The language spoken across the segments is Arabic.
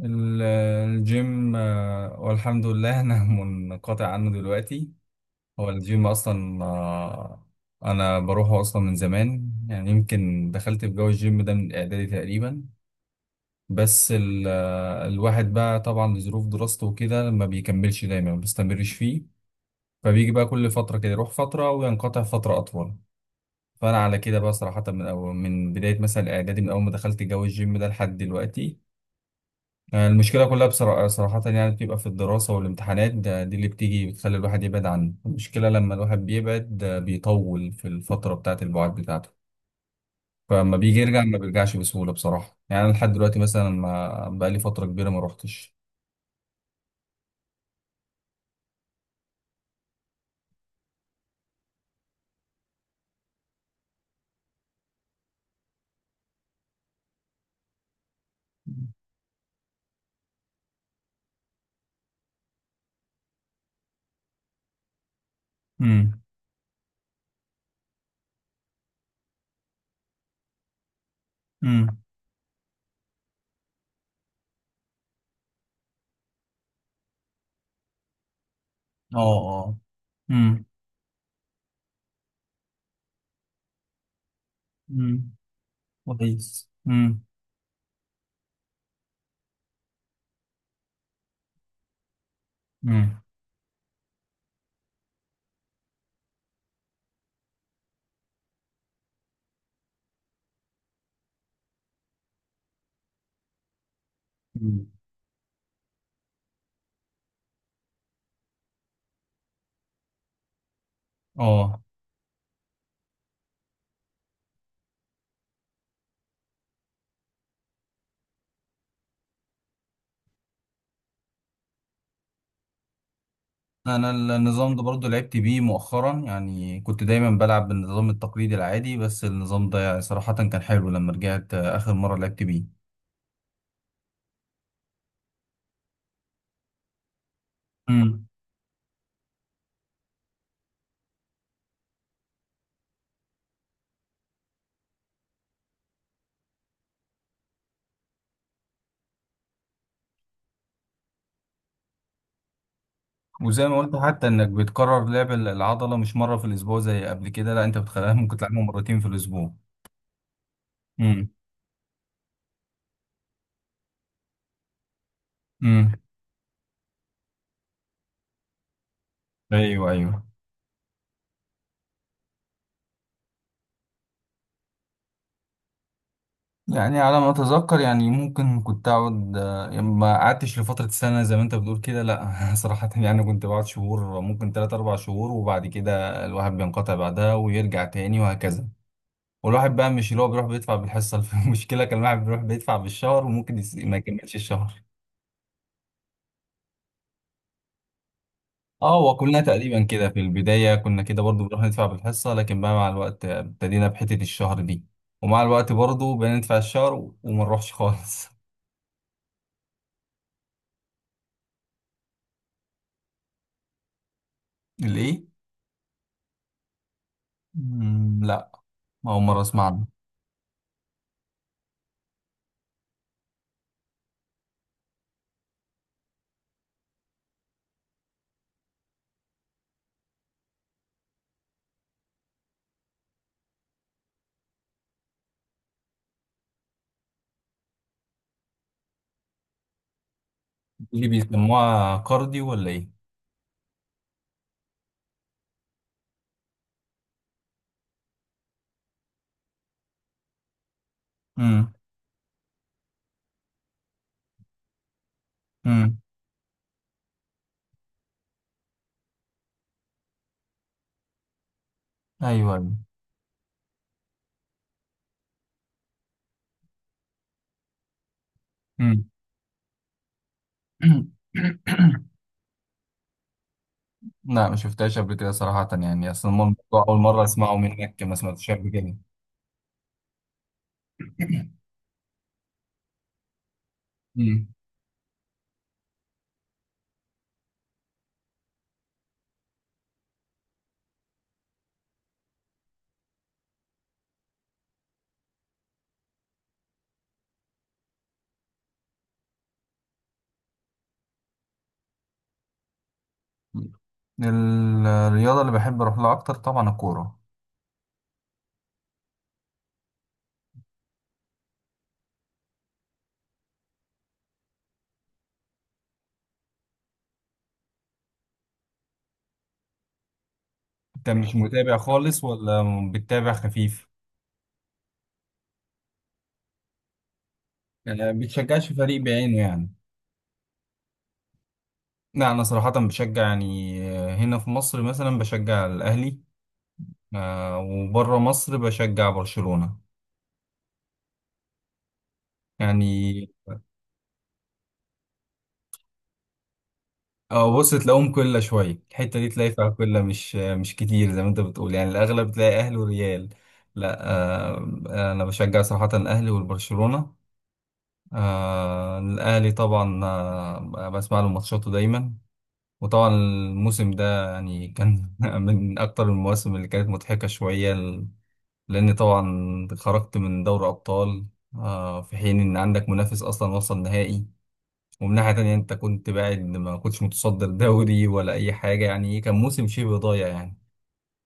ال- الجيم، والحمد لله أنا منقطع عنه دلوقتي. هو الجيم أصلا. أنا بروحه أصلا من زمان، يعني يمكن دخلت في جو الجيم ده من إعدادي تقريبا. بس الواحد بقى طبعا لظروف دراسته وكده ما بيكملش دايما، ما بيستمرش فيه. فبيجي بقى كل فترة كده، يروح فترة وينقطع فترة أطول. فأنا على كده بقى صراحة من أول، من بداية مثلا إعدادي، من أول ما دخلت جو الجيم ده لحد دلوقتي. المشكلة كلها صراحة، يعني بتبقى في الدراسة والامتحانات. ده دي اللي بتيجي بتخلي الواحد يبعد عنه. المشكلة لما الواحد بيبعد، ده بيطول في الفترة بتاعة البعد بتاعته. فلما بيجي يرجع ما بيرجعش بسهولة. بصراحة يعني أنا لحد دلوقتي مثلا ما بقالي فترة كبيرة ما روحتش. امم. امم. اه، اه. امم. امم. كويس، امم. امم. مم. اه. انا النظام ده برضو لعبت بيه مؤخرا، يعني كنت دايما بلعب بالنظام التقليدي العادي. بس النظام ده يعني صراحة كان حلو لما رجعت، اخر مرة لعبت بيه. امم. وزي ما قلت، حتى انك بتكرر لعب العضلة مش مرة في الاسبوع زي قبل كده، لا انت بتخليها ممكن تلعبها مرتين في الاسبوع. امم. امم. ايوه، ايوه. يعني على ما اتذكر، يعني ممكن كنت اقعد، يعني ما قعدتش لفتره سنه زي ما انت بتقول كده، لا صراحه يعني كنت بقعد شهور، ممكن 3 4 شهور، وبعد كده الواحد بينقطع بعدها ويرجع تاني وهكذا. والواحد بقى مش اللي هو بيروح بيدفع بالحصه المشكله كان الواحد بيروح بيدفع بالشهر، وممكن ما يكملش الشهر. اه، وكلنا تقريبا كده في البدايه كنا كده برضو، بنروح ندفع بالحصه، لكن بقى مع الوقت ابتدينا بحته الشهر دي. ومع الوقت برضو بقينا ندفع الشهر وما نروحش خالص ليه؟ مم، لا. أول مرة أسمع عنها. دي اللي بيسموها كارديو ولا إيه؟ امم. امم. أيوه، أيوه. امم. لا، ما شفتهاش قبل كده صراحة، يعني أصلا الموضوع أول مرة أسمعه منك، ما سمعتش قبل كده. امم. الرياضة اللي بحب أروح لها أكتر طبعا الكورة. أنت مش متابع خالص ولا بتتابع خفيف؟ يعني ما بتشجعش فريق بعينه يعني. لا، أنا صراحة بشجع يعني، هنا في مصر مثلا بشجع الأهلي. وبره مصر بشجع برشلونة يعني. اه بص، تلاقيهم كله شوية الحتة دي تلاقي فيها كله، مش مش كتير زي ما انت بتقول، يعني الأغلب تلاقي أهلي وريال. لا. أنا بشجع صراحة الأهلي والبرشلونة. الأهلي طبعا، بسمع له ماتشاته دايما. وطبعا الموسم ده يعني كان من أكتر المواسم اللي كانت مضحكة شوية، لأني طبعا خرجت من دوري أبطال، في حين إن عندك منافس أصلا وصل نهائي. ومن ناحية تانية، انت كنت بعد ما كنتش متصدر دوري ولا اي حاجة، يعني كان موسم شبه ضايع يعني.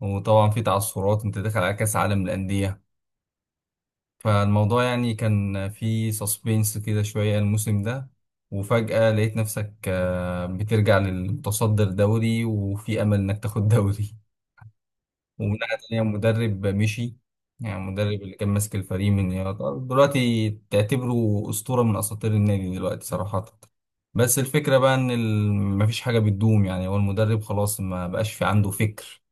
وطبعا في تعثرات، انت داخل على كأس عالم للأندية. فالموضوع يعني كان في سسبينس كده شوية الموسم ده. وفجأة لقيت نفسك بترجع للمتصدر دوري، وفي أمل انك تاخد دوري. ومن ناحية تانية مدرب مشي. يعني المدرب اللي كان ماسك الفريق من، يعني يعتبر دلوقتي تعتبره أسطورة من أساطير النادي دلوقتي صراحة. بس الفكرة بقى إن مفيش حاجة بتدوم، يعني هو المدرب خلاص ما بقاش في عنده فكر.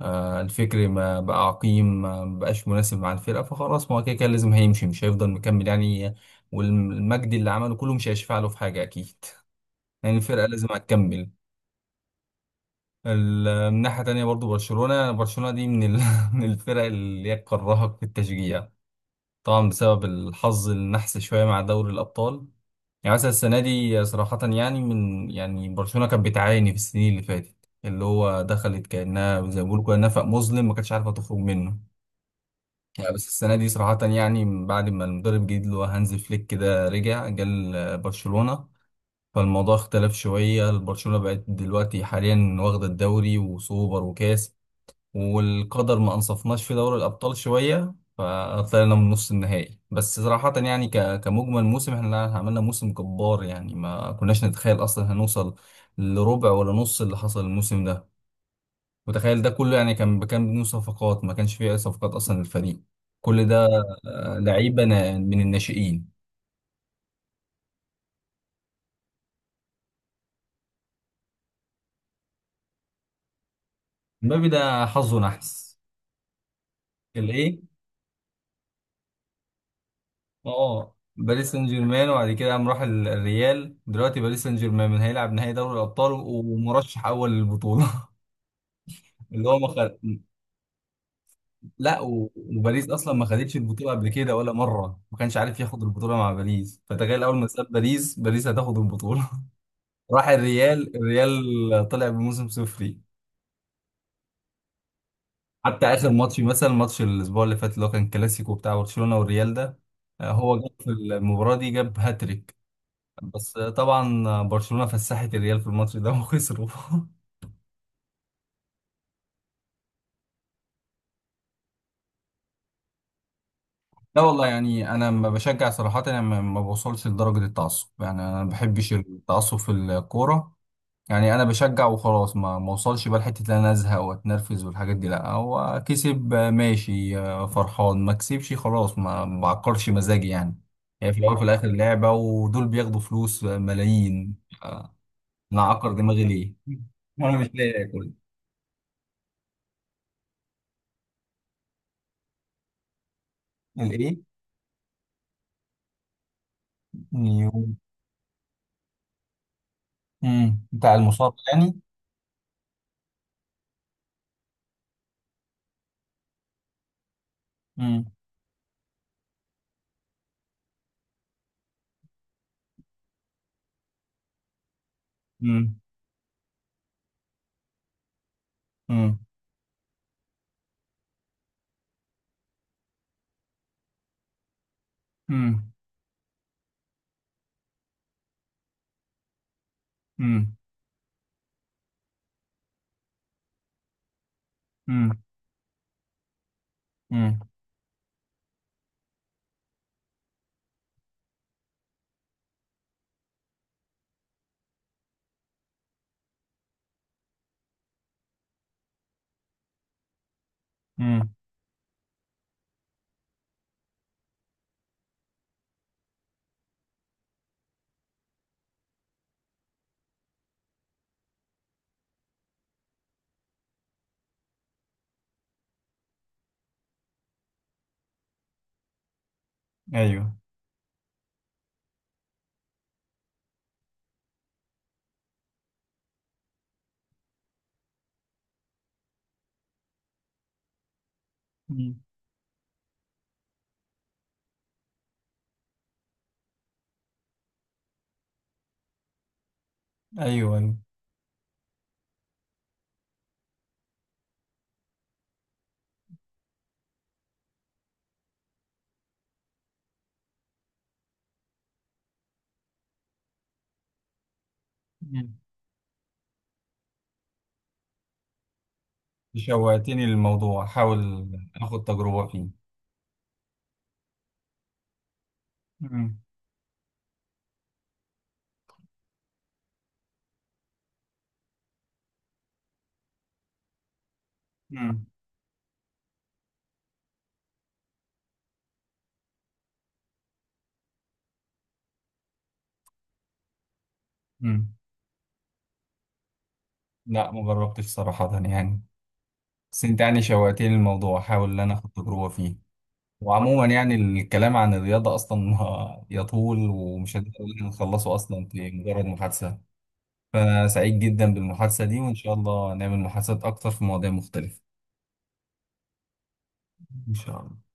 الفكر ما بقى، عقيم، ما بقاش مناسب مع الفرقة، فخلاص، ما هو كده كده لازم هيمشي، مش هيفضل مكمل يعني. والمجد اللي عمله كله مش هيشفع له في حاجة أكيد، يعني الفرقة لازم هتكمل. من ناحية تانية برضو برشلونة، برشلونة دي من من الفرق اللي هي تكرهك في التشجيع. طبعا بسبب الحظ النحس شوية مع دوري الأبطال. يعني مثلا السنة دي صراحة، يعني من، يعني برشلونة كانت بتعاني في السنين اللي فاتت، اللي هو دخلت كأنها زي ما بيقولوا كده نفق مظلم ما كانتش عارفة تخرج منه يعني. بس السنة دي صراحة، يعني من بعد ما المدرب الجديد اللي هو هانز فليك كده رجع جال برشلونة، فالموضوع اختلف شوية. برشلونة بقت دلوقتي حاليا واخدة الدوري وسوبر وكاس. والقدر ما انصفناش في دوري الابطال شويه، فطلعنا من نص النهائي. بس صراحه يعني كمجمل موسم احنا عملنا موسم جبار، يعني ما كناش نتخيل اصلا هنوصل لربع ولا نص اللي حصل الموسم ده. متخيل ده كله؟ يعني كان بدون صفقات، ما كانش فيه اي صفقات اصلا للفريق، كل ده لعيبه من الناشئين. مبابي ده حظه نحس. الايه؟ اه، باريس سان جيرمان، وبعد كده قام راح الريال. دلوقتي باريس سان جيرمان هيلعب نهائي دوري الابطال، ومرشح اول للبطوله، اللي هو ما خد... لا، و- وباريس اصلا ما خدتش البطوله قبل كده ولا مره، ما كانش عارف ياخد البطوله مع باريس، فتخيل اول ما ساب باريس، باريس هتاخد البطوله راح الريال، الريال طلع بموسم صفري. حتى اخر ماتش مثلا، ماتش الاسبوع اللي فات اللي هو كان كلاسيكو بتاع برشلونه والريال ده، هو جاب في المباراه دي جاب هاتريك. بس طبعا برشلونه فسحت الريال في الماتش ده وخسروا لا والله، يعني انا ما بشجع صراحه، انا ما بوصلش لدرجه التعصب، يعني انا ما بحبش التعصب في الكوره. يعني انا بشجع وخلاص، ما اوصلش بقى لحته ان انا ازهق واتنرفز والحاجات دي. لا، هو كسب، ماشي، فرحان، ما كسبش، خلاص، ما بعكرش مزاجي يعني. هي في الاول وفي الاخر لعبه، ودول بياخدوا فلوس ملايين. انا اعكر دماغي ليه وانا مش لاقي اكل. الايه؟ نيو. امم، بتاع المصاب يعني. امم. امم. امم. امم. امم. امم. امم. ايوه. مم. ايوه، ايوه. شوقتني للموضوع، حاول اخد تجربة فيه. مم. مم. مم. لا، ما جربتش صراحة يعني. بس انت يعني شوقتني للموضوع، حاول ان انا اخد تجربة فيه. وعموما يعني الكلام عن الرياضة اصلا يطول، ومش هنقدر نخلصه اصلا في مجرد محادثة. فانا سعيد جدا بالمحادثة دي، وان شاء الله نعمل محادثات اكتر في مواضيع مختلفة. ان شاء الله.